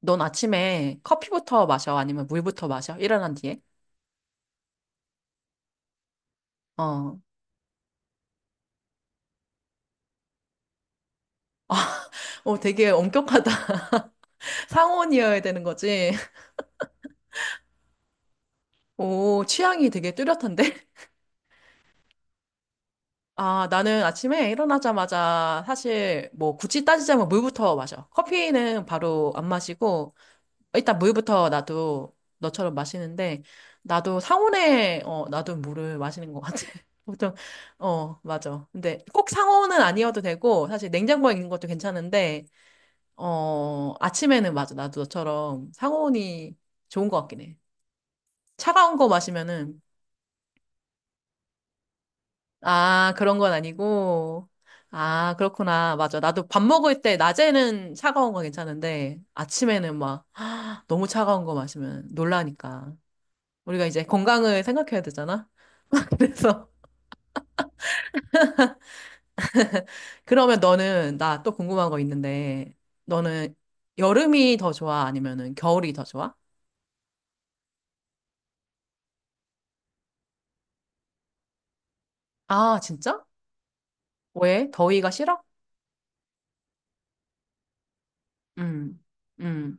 넌 아침에 커피부터 마셔? 아니면 물부터 마셔? 일어난 뒤에? 어. 아, 어, 되게 엄격하다. 상온이어야 되는 거지. 오, 취향이 되게 뚜렷한데? 아, 나는 아침에 일어나자마자 사실 뭐 굳이 따지자면 물부터 마셔. 커피는 바로 안 마시고, 일단 물부터 나도 너처럼 마시는데, 나도 상온에, 나도 물을 마시는 것 같아. 보통, 어, 맞아. 근데 꼭 상온은 아니어도 되고, 사실 냉장고에 있는 것도 괜찮은데, 어, 아침에는 맞아. 나도 너처럼 상온이 좋은 것 같긴 해. 차가운 거 마시면은, 아, 그런 건 아니고, 아, 그렇구나. 맞아. 나도 밥 먹을 때, 낮에는 차가운 거 괜찮은데, 아침에는 막, 너무 차가운 거 마시면 놀라니까. 우리가 이제 건강을 생각해야 되잖아? 그래서, 그러면 너는, 나 또 궁금한 거 있는데, 너는 여름이 더 좋아? 아니면은 겨울이 더 좋아? 아, 진짜? 왜? 더위가 싫어? 음. 음.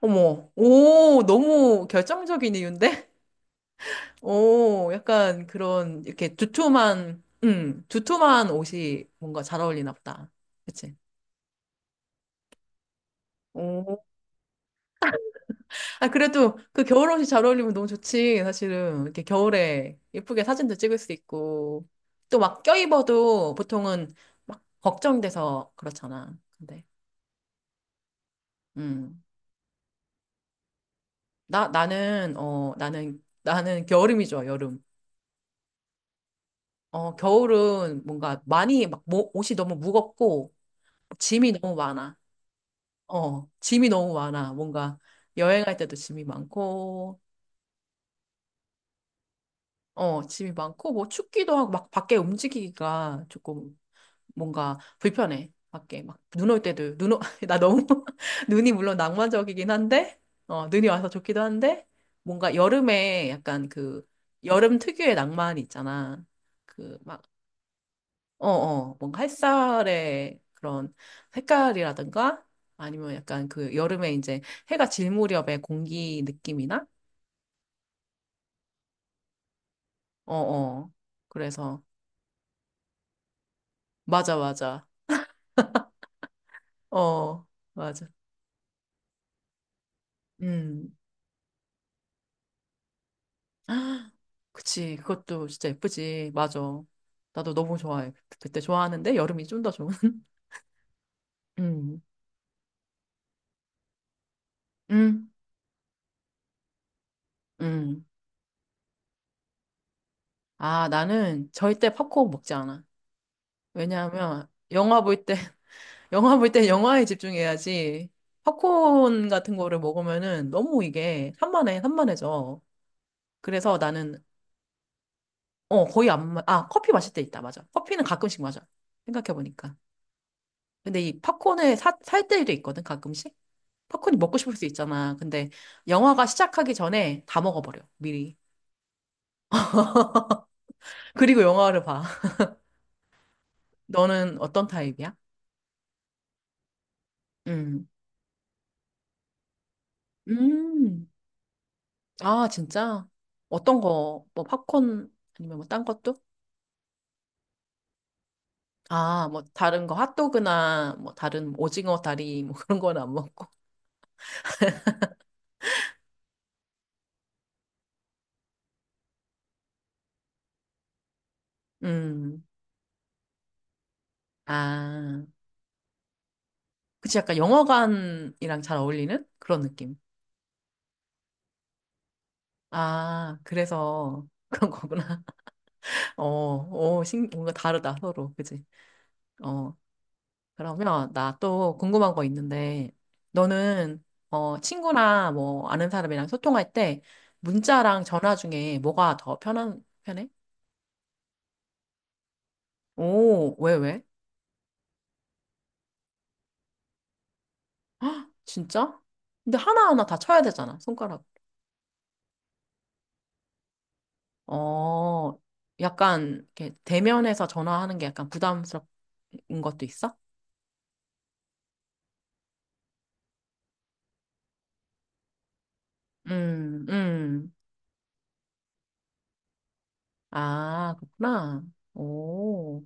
어머, 오, 너무 결정적인 이유인데? 오, 약간 그런, 이렇게 두툼한, 두툼한 옷이 뭔가 잘 어울리나 보다. 그치? 오. 아, 그래도 그 겨울 옷이 잘 어울리면 너무 좋지, 사실은. 이렇게 겨울에 예쁘게 사진도 찍을 수 있고. 또 막 껴입어도 보통은 막 걱정돼서 그렇잖아. 근데, 음. 나, 나는, 나는, 나는 겨울임이 좋아, 여름. 어, 겨울은 뭔가 많이 막 옷이 너무 무겁고, 짐이 너무 많아. 어, 짐이 너무 많아. 뭔가 여행할 때도 짐이 많고, 어, 짐이 많고, 뭐 춥기도 하고, 막 밖에 움직이기가 조금 뭔가 불편해. 밖에 막 눈올 때도, 눈, 오, 나 너무, 눈이 물론 낭만적이긴 한데, 어, 눈이 와서 좋기도 한데, 뭔가 여름에 약간 그, 여름 특유의 낭만이 있잖아. 그막 어, 어, 뭔가 햇살의 그런 색깔이라든가 아니면 약간 그 여름에 이제 해가 질 무렵의 공기 느낌이나? 어, 어. 그래서, 맞아, 맞아. 어, 맞아. 음. 그치. 그것도 진짜 예쁘지. 맞아. 나도 너무 좋아해. 그때 좋아하는데 여름이 좀 더 좋은. 음. 음. 음. 아, 나는 절대 팝콘 먹지 않아. 왜냐하면 영화 볼때 영화 볼 때 영화에 집중해야지. 팝콘 같은 거를 먹으면은 너무 이게 산만해, 산만해져. 그래서 나는, 어, 거의 안, 아, 커피 마실 때 있다. 맞아. 커피는 가끔씩 마셔. 생각해보니까. 근데 이 팝콘을 사, 살 때도 있거든, 가끔씩. 팝콘이 먹고 싶을 수 있잖아. 근데 영화가 시작하기 전에 다 먹어버려, 미리. 그리고 영화를 봐. 너는 어떤 타입이야? 음. 음. 아, 진짜? 어떤 거, 뭐 팝콘 아니면 뭐 딴 것도? 아, 뭐 다른 거 핫도그나 뭐 다른 오징어 다리 뭐 그런 건 안 먹고. 음. 아. 그치 약간 영화관이랑 잘 어울리는 그런 느낌. 아, 그래서 그런 거구나. 어, 어, 신, 뭔가 다르다 서로. 그치? 어. 그러면 나 또 궁금한 거 있는데 너는 어, 친구나 뭐 아는 사람이랑 소통할 때 문자랑 전화 중에 뭐가 더 편한 편해? 오, 왜 왜? 헉, 진짜? 근데 하나하나 다 쳐야 되잖아, 손가락. 어, 약간, 이렇게 대면에서 전화하는 게 약간 부담스러운 것도 있어? 음, 음. 아, 그렇구나. 오.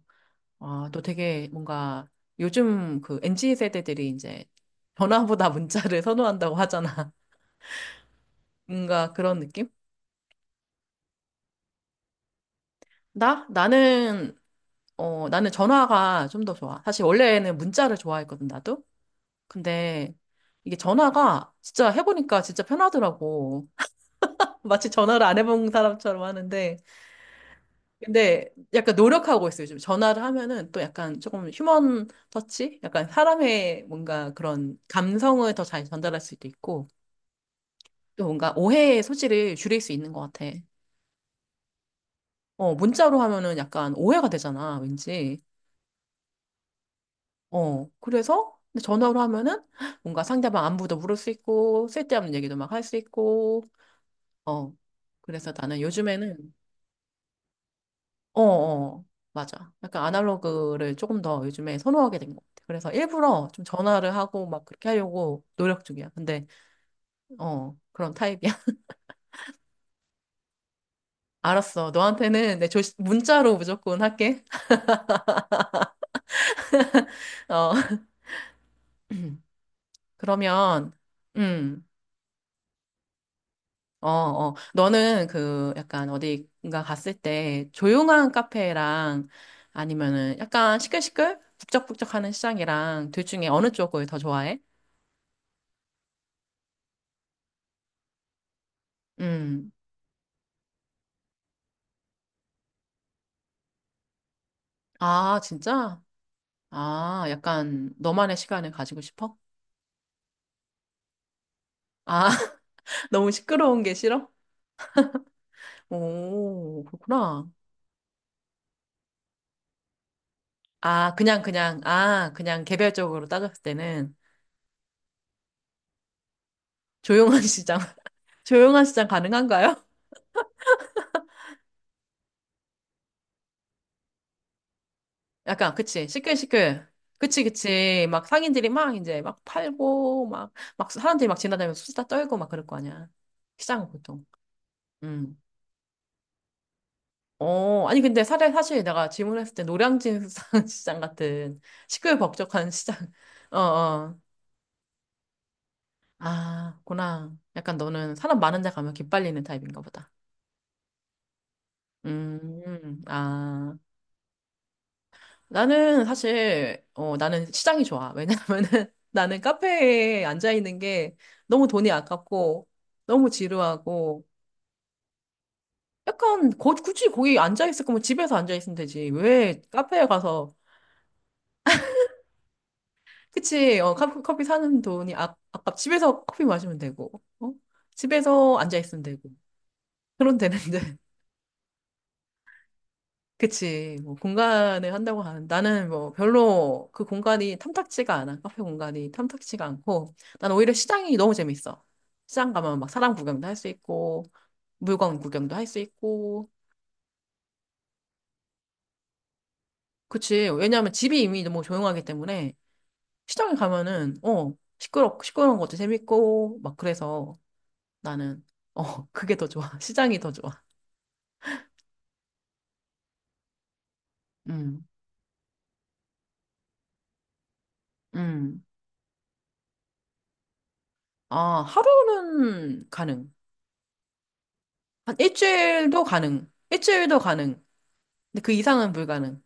아, 너 되게 뭔가 요즘 그 NG 세대들이 이제 전화보다 문자를 선호한다고 하잖아. 뭔가 그런 느낌? 나? 나는, 어, 나는 전화가 좀 더 좋아. 사실 원래는 문자를 좋아했거든, 나도. 근데 이게 전화가 진짜 해보니까 진짜 편하더라고. 마치 전화를 안 해본 사람처럼 하는데. 근데 약간 노력하고 있어요. 요즘 전화를 하면은 또 약간 조금 휴먼 터치? 약간 사람의 뭔가 그런 감성을 더 잘 전달할 수도 있고, 또 뭔가 오해의 소지를 줄일 수 있는 것 같아. 어, 문자로 하면은 약간 오해가 되잖아, 왠지. 어, 그래서 근데 전화로 하면은 뭔가 상대방 안부도 물을 수 있고, 쓸데없는 얘기도 막 할 수 있고, 어. 그래서 나는 요즘에는, 어, 어, 맞아. 약간 아날로그를 조금 더 요즘에 선호하게 된 것 같아. 그래서 일부러 좀 전화를 하고 막 그렇게 하려고 노력 중이야. 근데, 어, 그런 타입이야. 알았어. 너한테는 내 조, 문자로 무조건 할게. 어. 그러면, 음, 어, 어. 너는 그 약간 어디가 갔을 때 조용한 카페랑 아니면은 약간 시끌시끌? 북적북적하는 시장이랑 둘 중에 어느 쪽을 더 좋아해? 음. 아, 진짜? 아, 약간 너만의 시간을 가지고 싶어? 아, 너무 시끄러운 게 싫어? 오, 그렇구나. 아, 그냥, 그냥, 아, 그냥 개별적으로 따졌을 때는 조용한 시장, 조용한 시장 가능한가요? 약간, 그치, 시끌시끌. 그치, 그치. 막 상인들이 막 이제 막 팔고, 막, 막 사람들이 막 지나다니면서 수다 떨고 막 그럴 거 아니야. 시장은 보통. 음. 어, 아니, 근데 사실, 사실 내가 질문했을 때 노량진 수산 시장 같은 시끌벅적한 시장, 어, 어. 아, 구나. 약간 너는 사람 많은 데 가면 기빨리는 타입인가 보다. 아. 나는 사실, 어, 나는 시장이 좋아. 왜냐면은 나는 카페에 앉아있는 게 너무 돈이 아깝고, 너무 지루하고, 약간, 굳이 거기 앉아있을 거면 집에서 앉아있으면 되지. 왜 카페에 가서 그치, 어, 커피 사는 돈이 아, 아깝, 집에서 커피 마시면 되고, 어? 집에서 앉아있으면 되고, 그런 되는데. 그치, 뭐, 공간을 한다고 하는, 나는 뭐, 별로 그 공간이 탐탁지가 않아. 카페 공간이 탐탁지가 않고, 난 오히려 시장이 너무 재밌어. 시장 가면 막 사람 구경도 할 수 있고, 물건 구경도 할 수 있고, 그치. 왜냐하면 집이 이미 너무 조용하기 때문에, 시장에 가면은, 어, 시끄러운 것도 재밌고, 막 그래서, 나는 어 그게 더 좋아. 시장이 더 좋아. 음, 음. 아 하루는 가능. 한 일주일도 가능. 일주일도 가능. 근데 그 이상은 불가능.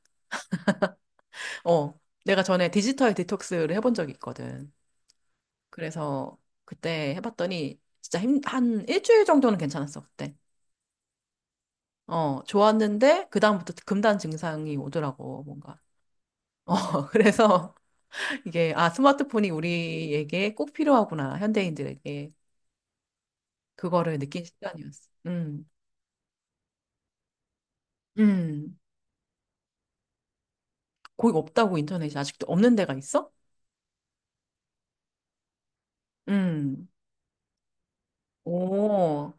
어 내가 전에 디지털 디톡스를 해본 적이 있거든. 그래서 그때 해봤더니 진짜 힘, 한 일주일 정도는 괜찮았어 그때. 어 좋았는데 그 다음부터 금단 증상이 오더라고 뭔가. 어 그래서 이게 아 스마트폰이 우리에게 꼭 필요하구나 현대인들에게. 그거를 느낀 시간이었어. 음. 거기 없다고 인터넷이 아직도 없는 데가 있어? 음, 오,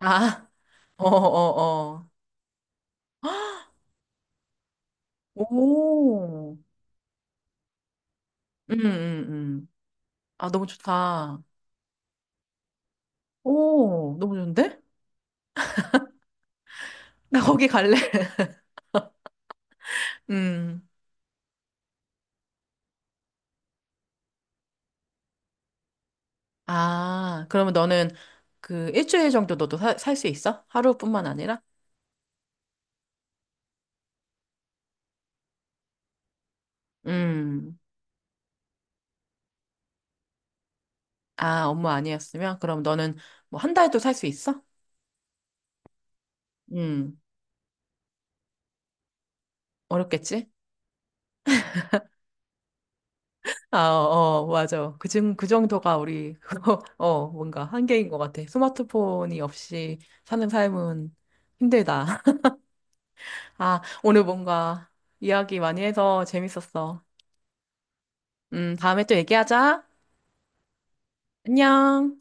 아, 어, 어, 어. 오, 음, 음. 아, 너무 좋다. 오, 너무 좋은데? 나 거기 갈래? 음. 아, 그러면 너는 그 일주일 정도 너도 살 수 있어? 하루뿐만 아니라? 음. 아, 업무 아니었으면? 그럼 너는 뭐 한 달도 살 수 있어? 음. 어렵겠지? 아, 어, 맞아. 그, 정, 그 정도가 우리, 어, 뭔가 한계인 것 같아. 스마트폰이 없이 사는 삶은 힘들다. 아, 오늘 뭔가 이야기 많이 해서 재밌었어. 다음에 또 얘기하자. 안녕.